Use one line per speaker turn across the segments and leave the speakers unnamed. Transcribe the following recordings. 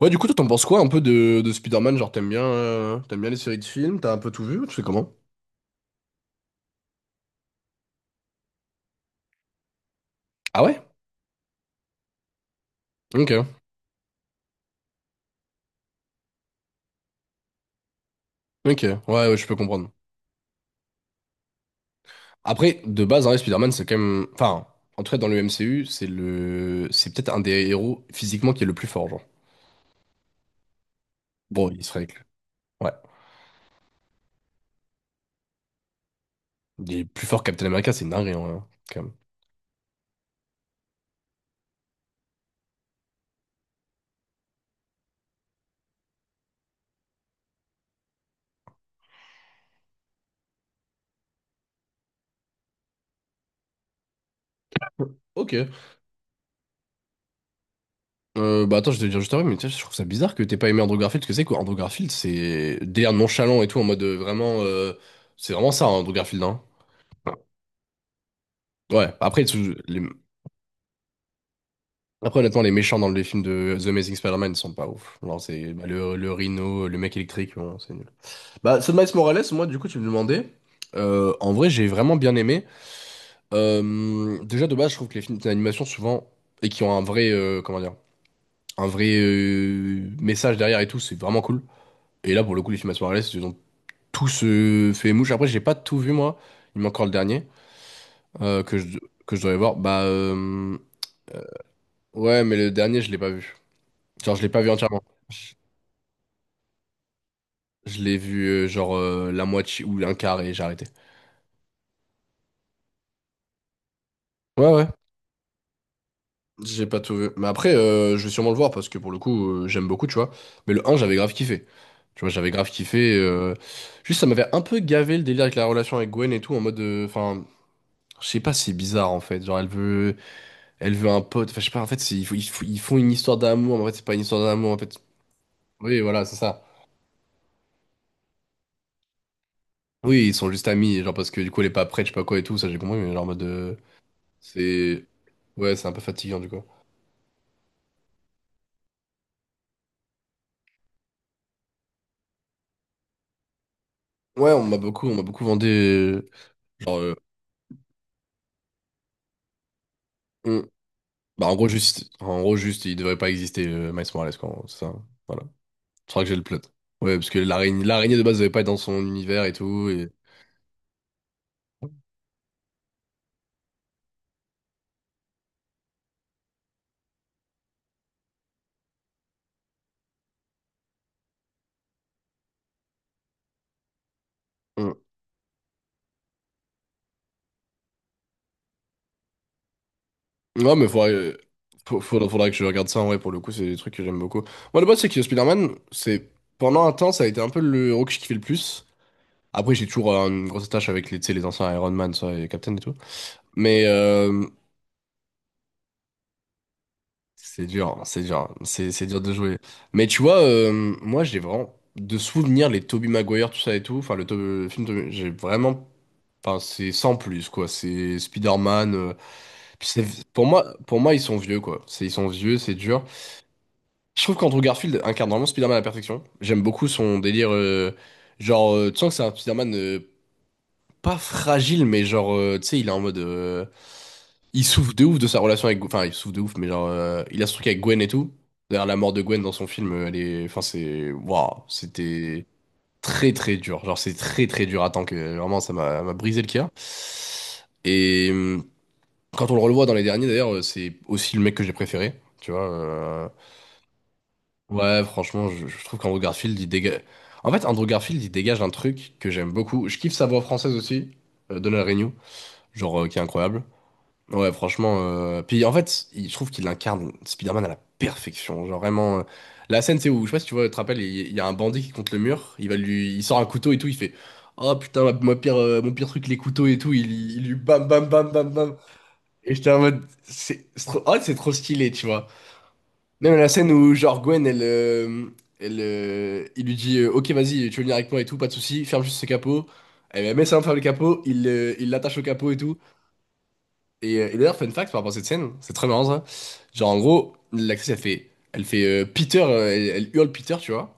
Ouais, du coup, toi, t'en penses quoi un peu de Spider-Man? Genre, t'aimes bien les séries de films? T'as un peu tout vu? Tu sais comment? Ah ouais? Ok, ok, ouais, ouais, je peux comprendre. Après, de base, hein, Spider-Man, c'est quand même. Enfin, en tout cas, dans le MCU, c'est le. C'est peut-être un des héros physiquement qui est le plus fort, genre. Bon, il serait. Ouais. Il est plus fort que Captain America, c'est une dinguerie, en vrai, hein, quand même. Ok. Bah attends, je vais te dire juste après, mais tiens, je trouve ça bizarre que t'aies pas aimé Andrew Garfield, parce que c'est quoi? Andrew Garfield, c'est délire nonchalant et tout, en mode vraiment. C'est vraiment ça, hein, Andrew Garfield, hein. Ouais, après, les- après, honnêtement, les méchants dans les films de The Amazing Spider-Man sont pas ouf. Genre, c'est bah, le Rhino, le mec électrique, bon, c'est nul. Bah, ce Miles Morales, moi, du coup, tu me demandais. En vrai, j'ai vraiment bien aimé. Déjà, de base, je trouve que les films d'animation, souvent, et qui ont un vrai, comment dire, un vrai message derrière et tout, c'est vraiment cool. Et là, pour le coup, les films Miles Morales, ils ont tous fait mouche. Après, j'ai pas tout vu, moi. Il manque encore le dernier euh, que je, que je devrais voir. Ouais, mais le dernier, je l'ai pas vu. Genre, je l'ai pas vu entièrement. Je l'ai vu genre la moitié ou un quart et j'ai arrêté. Ouais, ouais. J'ai pas tout vu. Mais après, je vais sûrement le voir parce que pour le coup, j'aime beaucoup, tu vois. Mais le un, j'avais grave kiffé. Tu vois, j'avais grave kiffé. Juste, ça m'avait un peu gavé le délire avec la relation avec Gwen et tout, en mode. Enfin, je sais pas, c'est bizarre en fait. Genre, elle veut un pote. Enfin, je sais pas, en fait, ils font une histoire d'amour, mais en fait, c'est pas une histoire d'amour, en fait. Oui, voilà, c'est ça. Oui, ils sont juste amis, genre parce que du coup, elle est pas prête, je sais pas quoi et tout, ça j'ai compris, mais genre en mode. C'est. Ouais, c'est un peu fatigant du coup. On m'a beaucoup vendu. Genre, on- bah, en gros, juste, il devrait pas exister, Miles Morales, quoi. En gros, c'est ça. Voilà. Je crois que j'ai le plot. Ouais, parce que l'araignée de base devait pas être dans son univers et tout. Et... Mm. Ouais, mais faudrait, faudra que je regarde ça. En vrai, pour le coup, c'est des trucs que j'aime beaucoup. Moi, le base, c'est que Spider-Man, c'est pendant un temps, ça a été un peu le héros que je kiffais le plus. Après, j'ai toujours une grosse attache avec les, tu sais, les anciens Iron Man, ça, et Captain et tout. Mais c'est dur, c'est dur, c'est dur de jouer. Mais tu vois, moi j'ai vraiment de souvenirs les Tobey Maguire, tout ça et tout. Enfin, le film, j'ai vraiment, enfin c'est sans plus quoi. C'est Spider-Man. Puis c'est pour moi ils sont vieux quoi. C'est ils sont vieux, c'est dur. Je trouve qu'Andrew Garfield incarne vraiment Spider-Man à la perfection. J'aime beaucoup son délire, genre tu sens que c'est un Spider-Man. Pas fragile, mais genre, tu sais, il est en mode. Il souffre de ouf de sa relation avec. Enfin, il souffre de ouf, mais genre, il a ce truc avec Gwen et tout. D'ailleurs, la mort de Gwen dans son film, elle est. Enfin, c'est. Waouh, c'était très très dur. Genre, c'est très très dur à que vraiment, ça m'a brisé le cœur. Et quand on le revoit dans les derniers, d'ailleurs, c'est aussi le mec que j'ai préféré. Tu vois. Ouais, franchement, je trouve qu'Andrew Garfield, il dégage. En fait, Andrew Garfield, il dégage un truc que j'aime beaucoup. Je kiffe sa voix française aussi, Donald Renew genre qui est incroyable. Ouais, franchement. Puis en fait, je trouve qu'il incarne Spider-Man à la perfection. Genre vraiment. La scène, c'est où, je sais pas si tu vois, tu te rappelles, il y a un bandit qui est contre le mur, il va lui, il sort un couteau et tout, il fait oh putain, ma pire, mon pire truc, les couteaux et tout, il lui bam bam bam bam bam. Et j'étais en mode, c'est trop... oh, c'est trop stylé, tu vois. Même la scène où, genre, Gwen, il lui dit ok, vas-y, tu veux venir avec moi et tout, pas de souci, ferme juste ce capot. Elle met ça ferme le capot, il l'attache au capot et tout. Et d'ailleurs, fun fact par rapport à cette scène, c'est très marrant ça. Genre en gros, l'actrice elle fait Peter, elle hurle Peter, tu vois.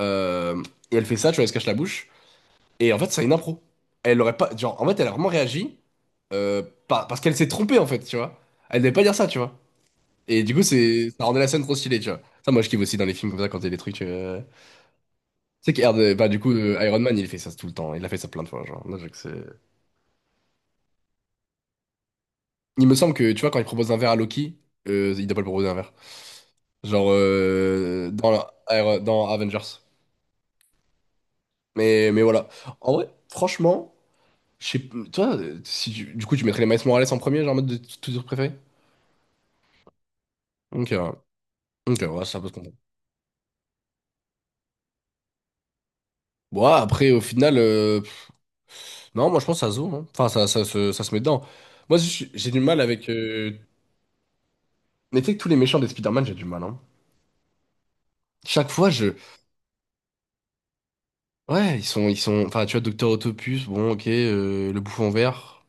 Euh, et elle fait ça, tu vois, elle se cache la bouche. Et en fait, c'est une impro. Elle aurait pas, genre en fait, elle a vraiment réagi euh, parce qu'elle s'est trompée en fait, tu vois. Elle devait pas dire ça, tu vois. Et du coup, c'est ça rendait la scène trop stylée, tu vois. Ça, moi, je kiffe aussi dans les films comme ça quand il y a des trucs. Tu sais que bah du coup, Iron Man, il fait ça tout le temps. Il a fait ça plein de fois, genre. Moi, je sais que il me semble que tu vois quand il propose un verre à Loki, il doit pas le proposer un verre. Genre dans Avengers. Mais voilà. En vrai, franchement, toi, si tu- du coup, tu mettrais les Miles Morales en premier, genre en mode de tous tes préférés? Ok, ouais. Ok, ouais, ça peut se comprendre. Bon, ouais, après, au final, non, moi je pense que ça se vaut, hein. Enfin, ça se met dedans. Moi, je j'ai du mal avec. Mais tu sais que tous les méchants des Spider-Man, j'ai du mal, hein. Chaque fois, je. Ouais, ils sont. Enfin, tu vois, Docteur Autopus, bon, ok, le bouffon vert.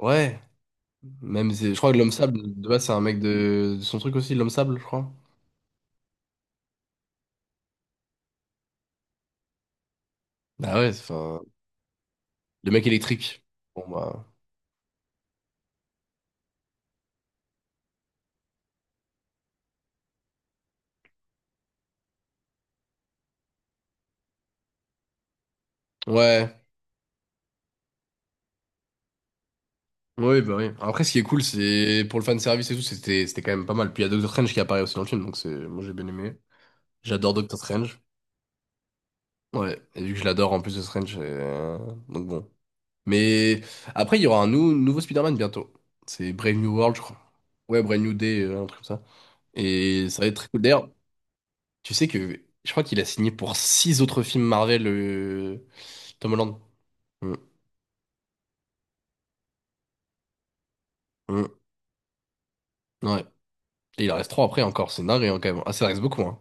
Ouais. Même, je crois que l'homme sable, de base, c'est un mec de son truc aussi, l'homme sable, je crois. Bah ouais, enfin, le mec électrique. Bon bah. Ouais. Oui, bah oui. Après, ce qui est cool, c'est pour le fan service et tout, c'était quand même pas mal. Puis il y a Doctor Strange qui apparaît aussi dans le film, donc c'est moi j'ai bien aimé. J'adore Doctor Strange. Ouais, et vu que je l'adore en plus de Strange, donc bon. Mais après, il y aura un nouveau Spider-Man bientôt. C'est Brave New World, je crois. Ouais, Brave New Day, un truc comme ça. Et ça va être très cool. D'ailleurs, tu sais que je crois qu'il a signé pour six autres films Marvel, Tom Holland. Mm, mm, ouais. Et il en reste trois après encore, c'est dingue hein, quand même. Ah, ça reste beaucoup, hein.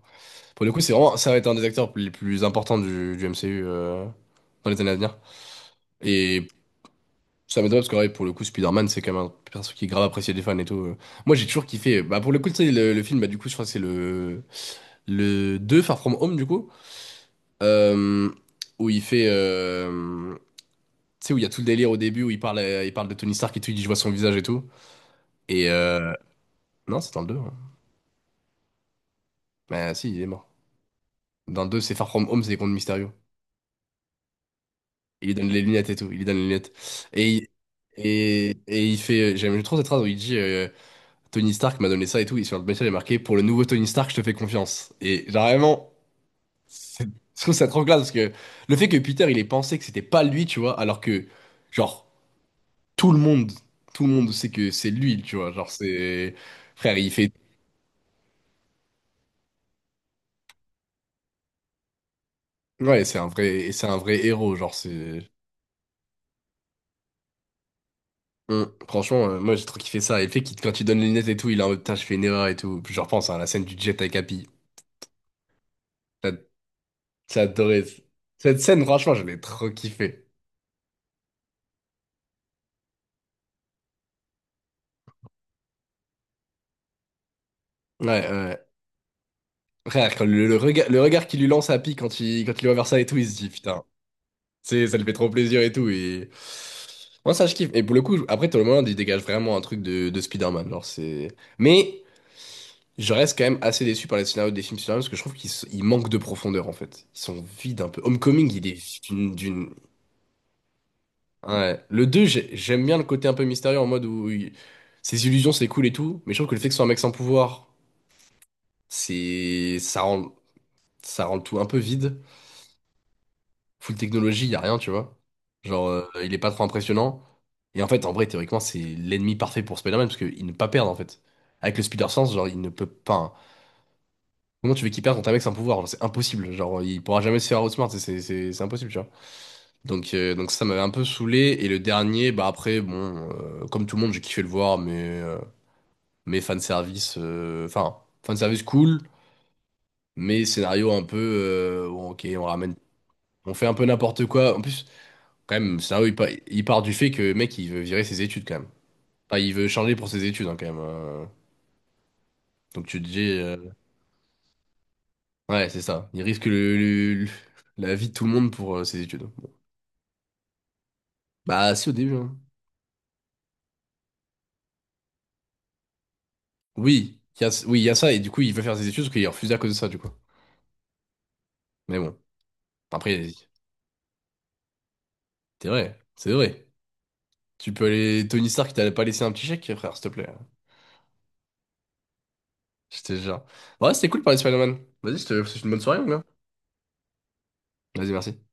Pour le coup, c'est vraiment, ça va être un des acteurs les plus importants du MCU dans les années à venir. Et ça m'étonne pas parce que ouais, pour le coup, Spider-Man, c'est quand même un perso qui est grave apprécié des fans et tout. Moi, j'ai toujours kiffé. Bah, pour le coup, tu sais, le film, bah, du coup, je crois que le 2 Far From Home, du coup, euh, où il fait. Tu sais, où il y a tout le délire au début où il parle de Tony Stark et tout, il dit je vois son visage et tout. Et Non, c'est dans le 2 hein. Bah si, il est mort. Dans le 2, c'est Far From Home, c'est contre Mysterio. Il lui donne les lunettes et tout, il lui donne les lunettes. Et, il- et il fait... j'aime trop cette phrase où il dit Tony Stark m'a donné ça et tout, et sur le message il est marqué «Pour le nouveau Tony Stark, je te fais confiance». Et genre vraiment, c'est- je trouve ça trop classe parce que le fait que Peter, il ait pensé que c'était pas lui, tu vois, alors que, genre, tout le monde, tout le monde sait que c'est lui, tu vois, genre c'est... Frère, il fait ouais, c'est un vrai, et c'est un vrai héros, genre c'est. Franchement, moi j'ai trop kiffé ça. Et le fait qu'il, quand tu donnes les lunettes et tout, il est en mode putain, je fais une erreur et tout. Puis je repense à la scène du jet avec Happy. T'as t'as adoré. Cette scène, franchement, je l'ai trop kiffé. Ouais, ouais. Frère, quand le regard qu'il lui lance à Happy quand quand il voit vers ça et tout, il se dit putain, ça lui fait trop plaisir et tout. Et moi ça, je kiffe. Et pour le coup, après, tout le monde, il dégage vraiment un truc de Spider-Man. Genre c'est. Mais. Je reste quand même assez déçu par les scénarios des films Superman parce que je trouve qu'ils manquent de profondeur en fait. Ils sont vides un peu. Homecoming, il est d'une... ouais. Le 2, j'aime bien le côté un peu mystérieux en mode où ses illusions c'est cool et tout, mais je trouve que le fait que ce soit un mec sans pouvoir, c'est... ça rend le tout un peu vide. Full technologie, il a rien, tu vois. Genre, il est pas trop impressionnant. Et en fait, en vrai, théoriquement, c'est l'ennemi parfait pour Spider-Man parce qu'il ne peut pas perdre en fait. Avec le Spider-Sense, genre, il ne peut pas, hein. Comment tu veux qu'il perde quand un mec c'est un pouvoir? Genre, c'est impossible. Genre, il pourra jamais se faire outsmart. C'est impossible, tu vois. Donc, donc ça m'avait un peu saoulé. Et le dernier, bah après, bon, comme tout le monde, j'ai kiffé le voir, mais fanservice, enfin, fanservice cool, mais scénario un peu, bon, ok, on ramène, on fait un peu n'importe quoi. En plus, quand même, le scénario, il part du fait que le mec, il veut virer ses études quand même. Enfin, il veut changer pour ses études, hein, quand même. Donc tu te dis, ouais, c'est ça. Il risque la vie de tout le monde pour ses études. Bah, si, au début, hein. Oui, il y a, oui, il y a ça, et du coup, il veut faire ses études parce qu'il est refusé à cause de ça, du coup. Mais bon, après, c'est vrai, c'est vrai. Tu peux aller. Tony Stark, t'allais pas laisser un petit chèque, frère, s'il te plaît. J'étais genre. Ouais, c'était cool de parler de Spider-Man. Vas-y, je te souhaite une bonne soirée, mon gars. Vas-y, merci.